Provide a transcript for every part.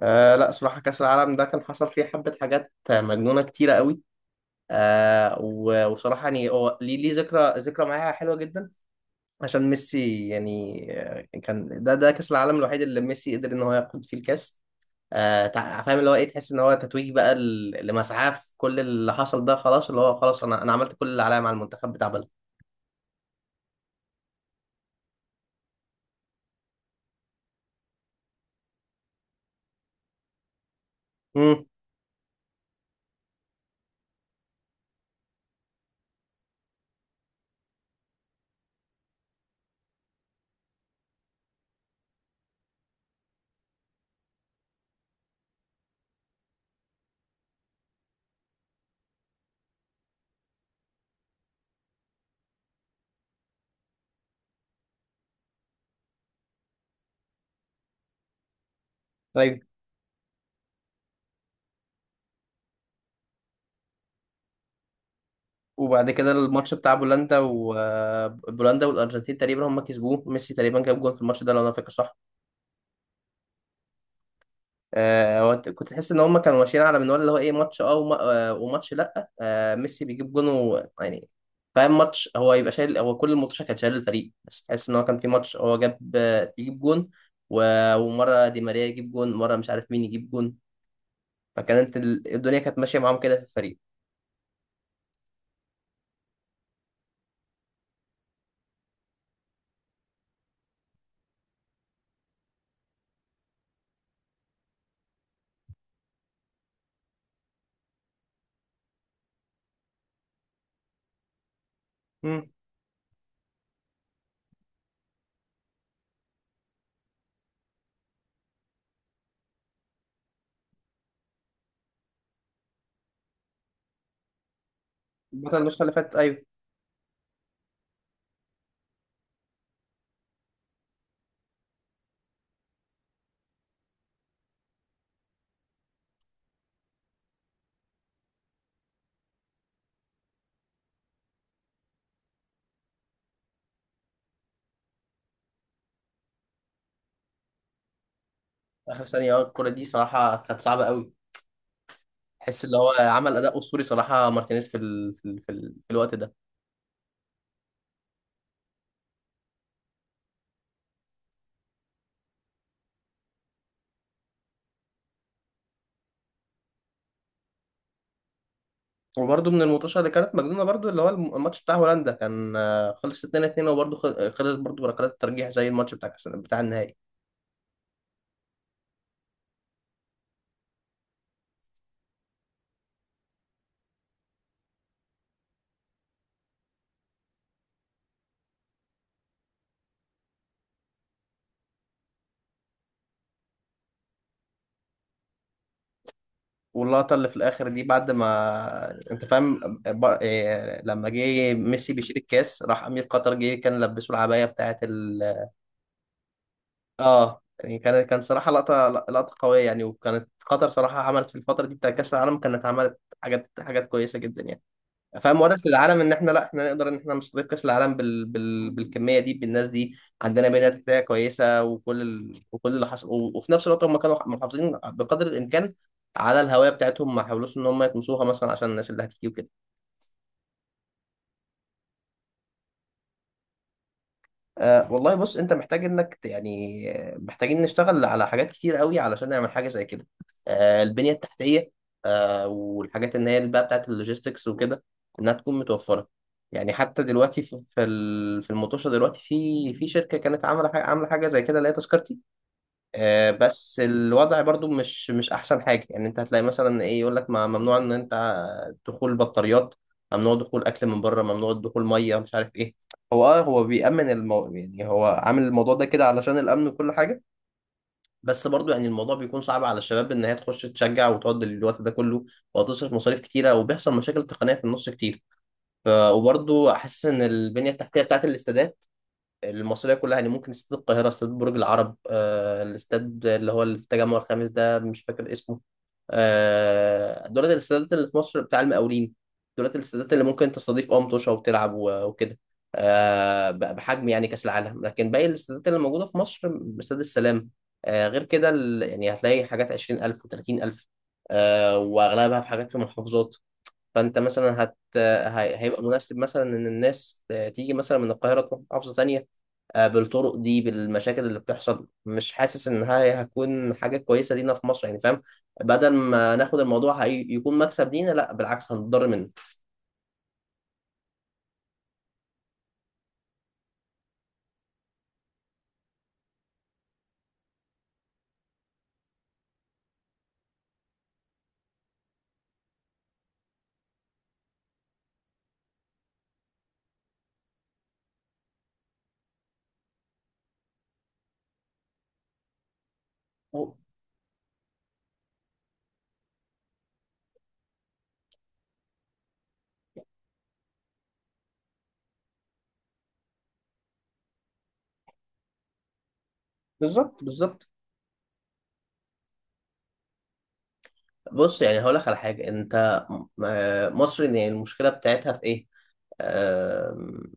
لا صراحة كأس العالم ده كان حصل فيه حبة حاجات مجنونة كتيرة قوي. وصراحة يعني هو ليه ذكرى معايا حلوة جدا عشان ميسي. كان ده كأس العالم الوحيد اللي ميسي قدر إن هو ياخد فيه الكأس. فاهم اللي هو إيه، تحس إن هو تتويج بقى لمسعاه في كل اللي حصل ده، خلاص اللي هو خلاص أنا عملت كل اللي عليا مع المنتخب بتاع بلدي. امم طيب. وبعد كده الماتش بتاع بولندا، وبولندا والأرجنتين تقريبا هم كسبوه، ميسي تقريبا جاب جون في الماتش ده لو أنا فاكر صح. هو كنت تحس ان هم كانوا ماشيين على منوال اللي هو ايه، ماتش وماتش، لا آه، ميسي بيجيب جون يعني فاهم، ماتش هو يبقى شايل، هو كل الماتش كان شايل الفريق، بس تحس ان هو كان في ماتش هو جاب، يجيب جون ومره دي ماريا يجيب جون، مره مش عارف مين يجيب جون. فكانت الدنيا كانت ماشيه معاهم كده في الفريق. امم بطل النسخه اللي فاتت ايوه. اخر ثانيه، اه الكره دي صراحه كانت صعبه قوي، تحس اللي هو عمل اداء اسطوري صراحه مارتينيز في الوقت ده. وبرده من الماتشات اللي كانت مجنونه، برده اللي هو الماتش بتاع هولندا كان، خلص 2-2، وبرده خلص برده بركلات الترجيح زي الماتش بتاع بتاع النهائي. واللقطه اللي في الاخر دي، بعد ما انت فاهم، لما جه ميسي بيشيل الكاس، راح امير قطر جه كان لبسه العبايه بتاعه ال، اه يعني، كان صراحه لقطه قويه يعني. وكانت قطر صراحه عملت في الفتره دي بتاع كاس العالم، كانت عملت حاجات كويسه جدا يعني، فاهم؟ واضح في العالم ان احنا، لا احنا نقدر ان احنا نستضيف كاس العالم بالكميه دي بالناس دي. عندنا بنيه تحتيه كويسه وكل اللي حصل وفي نفس الوقت هم كانوا محافظين بقدر الامكان على الهويه بتاعتهم، ما حاولوش ان هم يطمسوها مثلا عشان الناس اللي هتيجي وكده. أه والله بص، انت محتاج انك محتاجين نشتغل على حاجات كتير قوي علشان نعمل حاجه زي كده. أه البنيه التحتيه، أه والحاجات اللي هي اللي بقى بتاعت اللوجيستكس وكده، انها تكون متوفره. يعني حتى دلوقتي، في المطوشه دلوقتي، في شركه كانت عامله حاجه زي كده اللي هي تذكرتي. بس الوضع برضو مش احسن حاجه. يعني انت هتلاقي مثلا ايه، يقول لك ما ممنوع ان انت، دخول بطاريات، ممنوع دخول اكل من بره، ممنوع دخول ميه، مش عارف ايه. هو يعني هو عامل الموضوع ده كده علشان الامن وكل حاجه. بس برضو يعني الموضوع بيكون صعب على الشباب ان هي تخش تشجع وتقعد الوقت ده كله، وهتصرف مصاريف كتيره، وبيحصل مشاكل تقنيه في النص كتير. وبرضو احس ان البنيه التحتيه بتاعت الاستادات المصرية كلها، يعني ممكن استاد القاهرة، استاد برج العرب، الاستاد اللي هو اللي في التجمع الخامس ده مش فاكر اسمه، دولت الاستادات اللي في مصر، بتاع المقاولين، دولت الاستادات اللي ممكن تستضيف اه متوشة وتلعب وكده، بحجم يعني كأس العالم. لكن باقي الاستادات اللي موجودة في مصر، استاد السلام، غير كده يعني هتلاقي حاجات 20,000 و30000، وأغلبها في حاجات في محافظات. فأنت مثلا هت هي- هيبقى مناسب مثلا إن الناس تيجي مثلا من القاهرة تروح محافظة تانية، بالطرق دي بالمشاكل اللي بتحصل، مش حاسس ان هي هتكون حاجه كويسه لينا في مصر، يعني فاهم؟ بدل ما ناخد الموضوع هي يكون مكسب لينا، لا بالعكس هنضر منه. هو- بالظبط بالظبط. بص يعني هقول لك على حاجه، انت م- آه، مصر يعني المشكله بتاعتها في ايه، آم،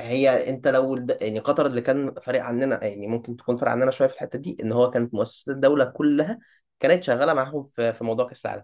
هي انت لو يعني قطر اللي كان فارق عننا، يعني ممكن تكون فارق عننا شويه في الحته دي ان هو كانت مؤسسات الدوله كلها كانت شغاله معاهم في موضوع كاس العالم،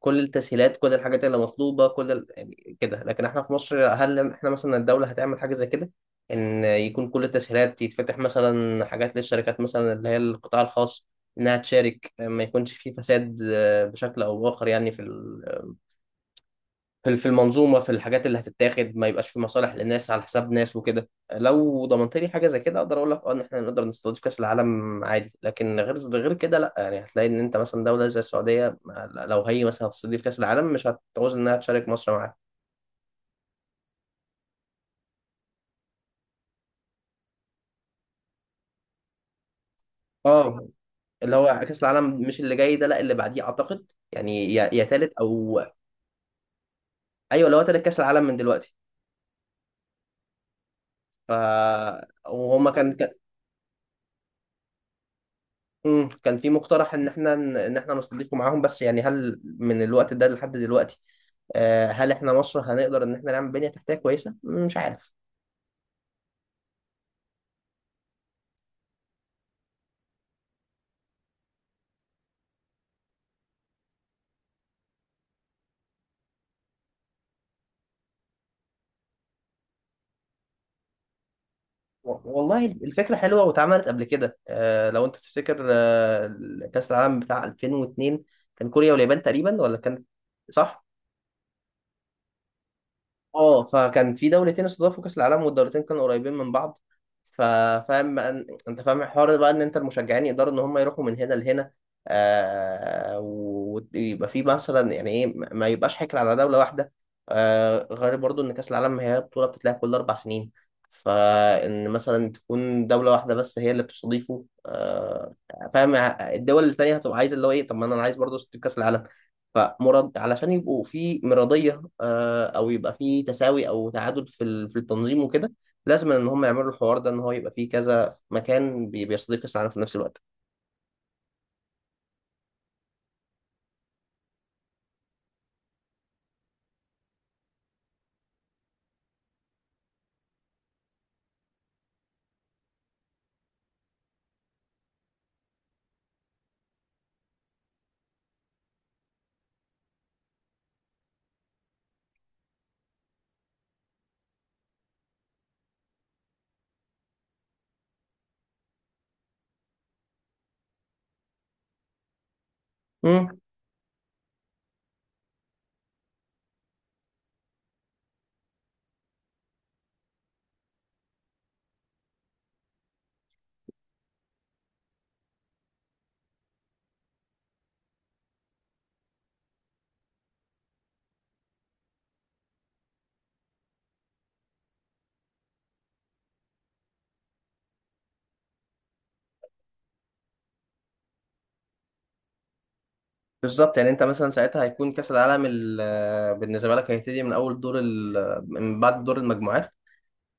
كل التسهيلات، كل الحاجات اللي مطلوبه، يعني كده. لكن احنا في مصر، هل احنا مثلا الدوله هتعمل حاجه زي كده؟ ان يكون كل التسهيلات، يتفتح مثلا حاجات للشركات مثلا اللي هي القطاع الخاص انها تشارك، ما يكونش في فساد بشكل او باخر يعني في في المنظومه، في الحاجات اللي هتتاخد، ما يبقاش في مصالح لناس على حساب ناس وكده. لو ضمنت لي حاجه زي كده اقدر اقول لك اه ان احنا نقدر نستضيف كاس العالم عادي، لكن غير كده لا. يعني هتلاقي ان انت مثلا دوله زي السعوديه لو هي مثلا هتستضيف كاس العالم مش هتعوز انها تشارك مصر معاها. اه، اللي هو كاس العالم مش اللي جاي ده لا، اللي بعديه اعتقد، يعني يا تالت او، ايوه اللي هو تالت كاس العالم من دلوقتي. ف وهما كان، كان في مقترح ان احنا، ان احنا نستضيفكم معاهم، بس يعني هل من الوقت ده لحد دلوقتي، هل احنا مصر هنقدر ان احنا نعمل بنية تحتية كويسة؟ مش عارف. والله الفكرة حلوة واتعملت قبل كده، لو انت تفتكر، كأس العالم بتاع 2002 كان كوريا واليابان تقريبا، ولا كان، صح؟ اه فكان في دولتين استضافوا كاس العالم، والدولتين كانوا قريبين من بعض. ف- فاهم بقى انت فاهم الحوار ده بقى، ان انت المشجعين يقدروا ان هم يروحوا من هنا لهنا، آه ويبقى في مثلا يعني ايه، ما يبقاش حكر على دوله واحده. آه غير برضو ان كاس العالم هي بطوله بتتلعب كل 4 سنين، فان مثلا تكون دوله واحده بس هي اللي بتستضيفه، آه فاهم؟ الدول التانيه هتبقى عايزه اللي هو ايه، طب ما انا عايز برضو كاس العالم، فمرض علشان يبقوا في مرضية، أو يبقى في تساوي أو تعادل في التنظيم وكده، لازم إن هم يعملوا الحوار ده، إن هو يبقى فيه كذا مكان بيستضيف كأس العالم في نفس الوقت. امم بالظبط. يعني أنت مثلا ساعتها هيكون كأس العالم بالنسبة لك هيبتدي من أول دور من بعد دور المجموعات.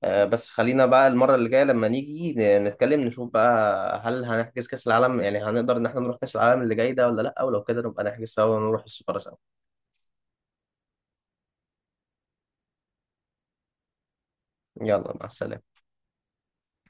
بس خلينا بقى المرة اللي جاية لما نيجي نتكلم نشوف بقى هل هنحجز كأس العالم، يعني هنقدر إن احنا نروح كأس العالم اللي جاي ده ولا لأ، ولو كده نبقى نحجز سوا ونروح السفارة سوا. يلا مع السلامة.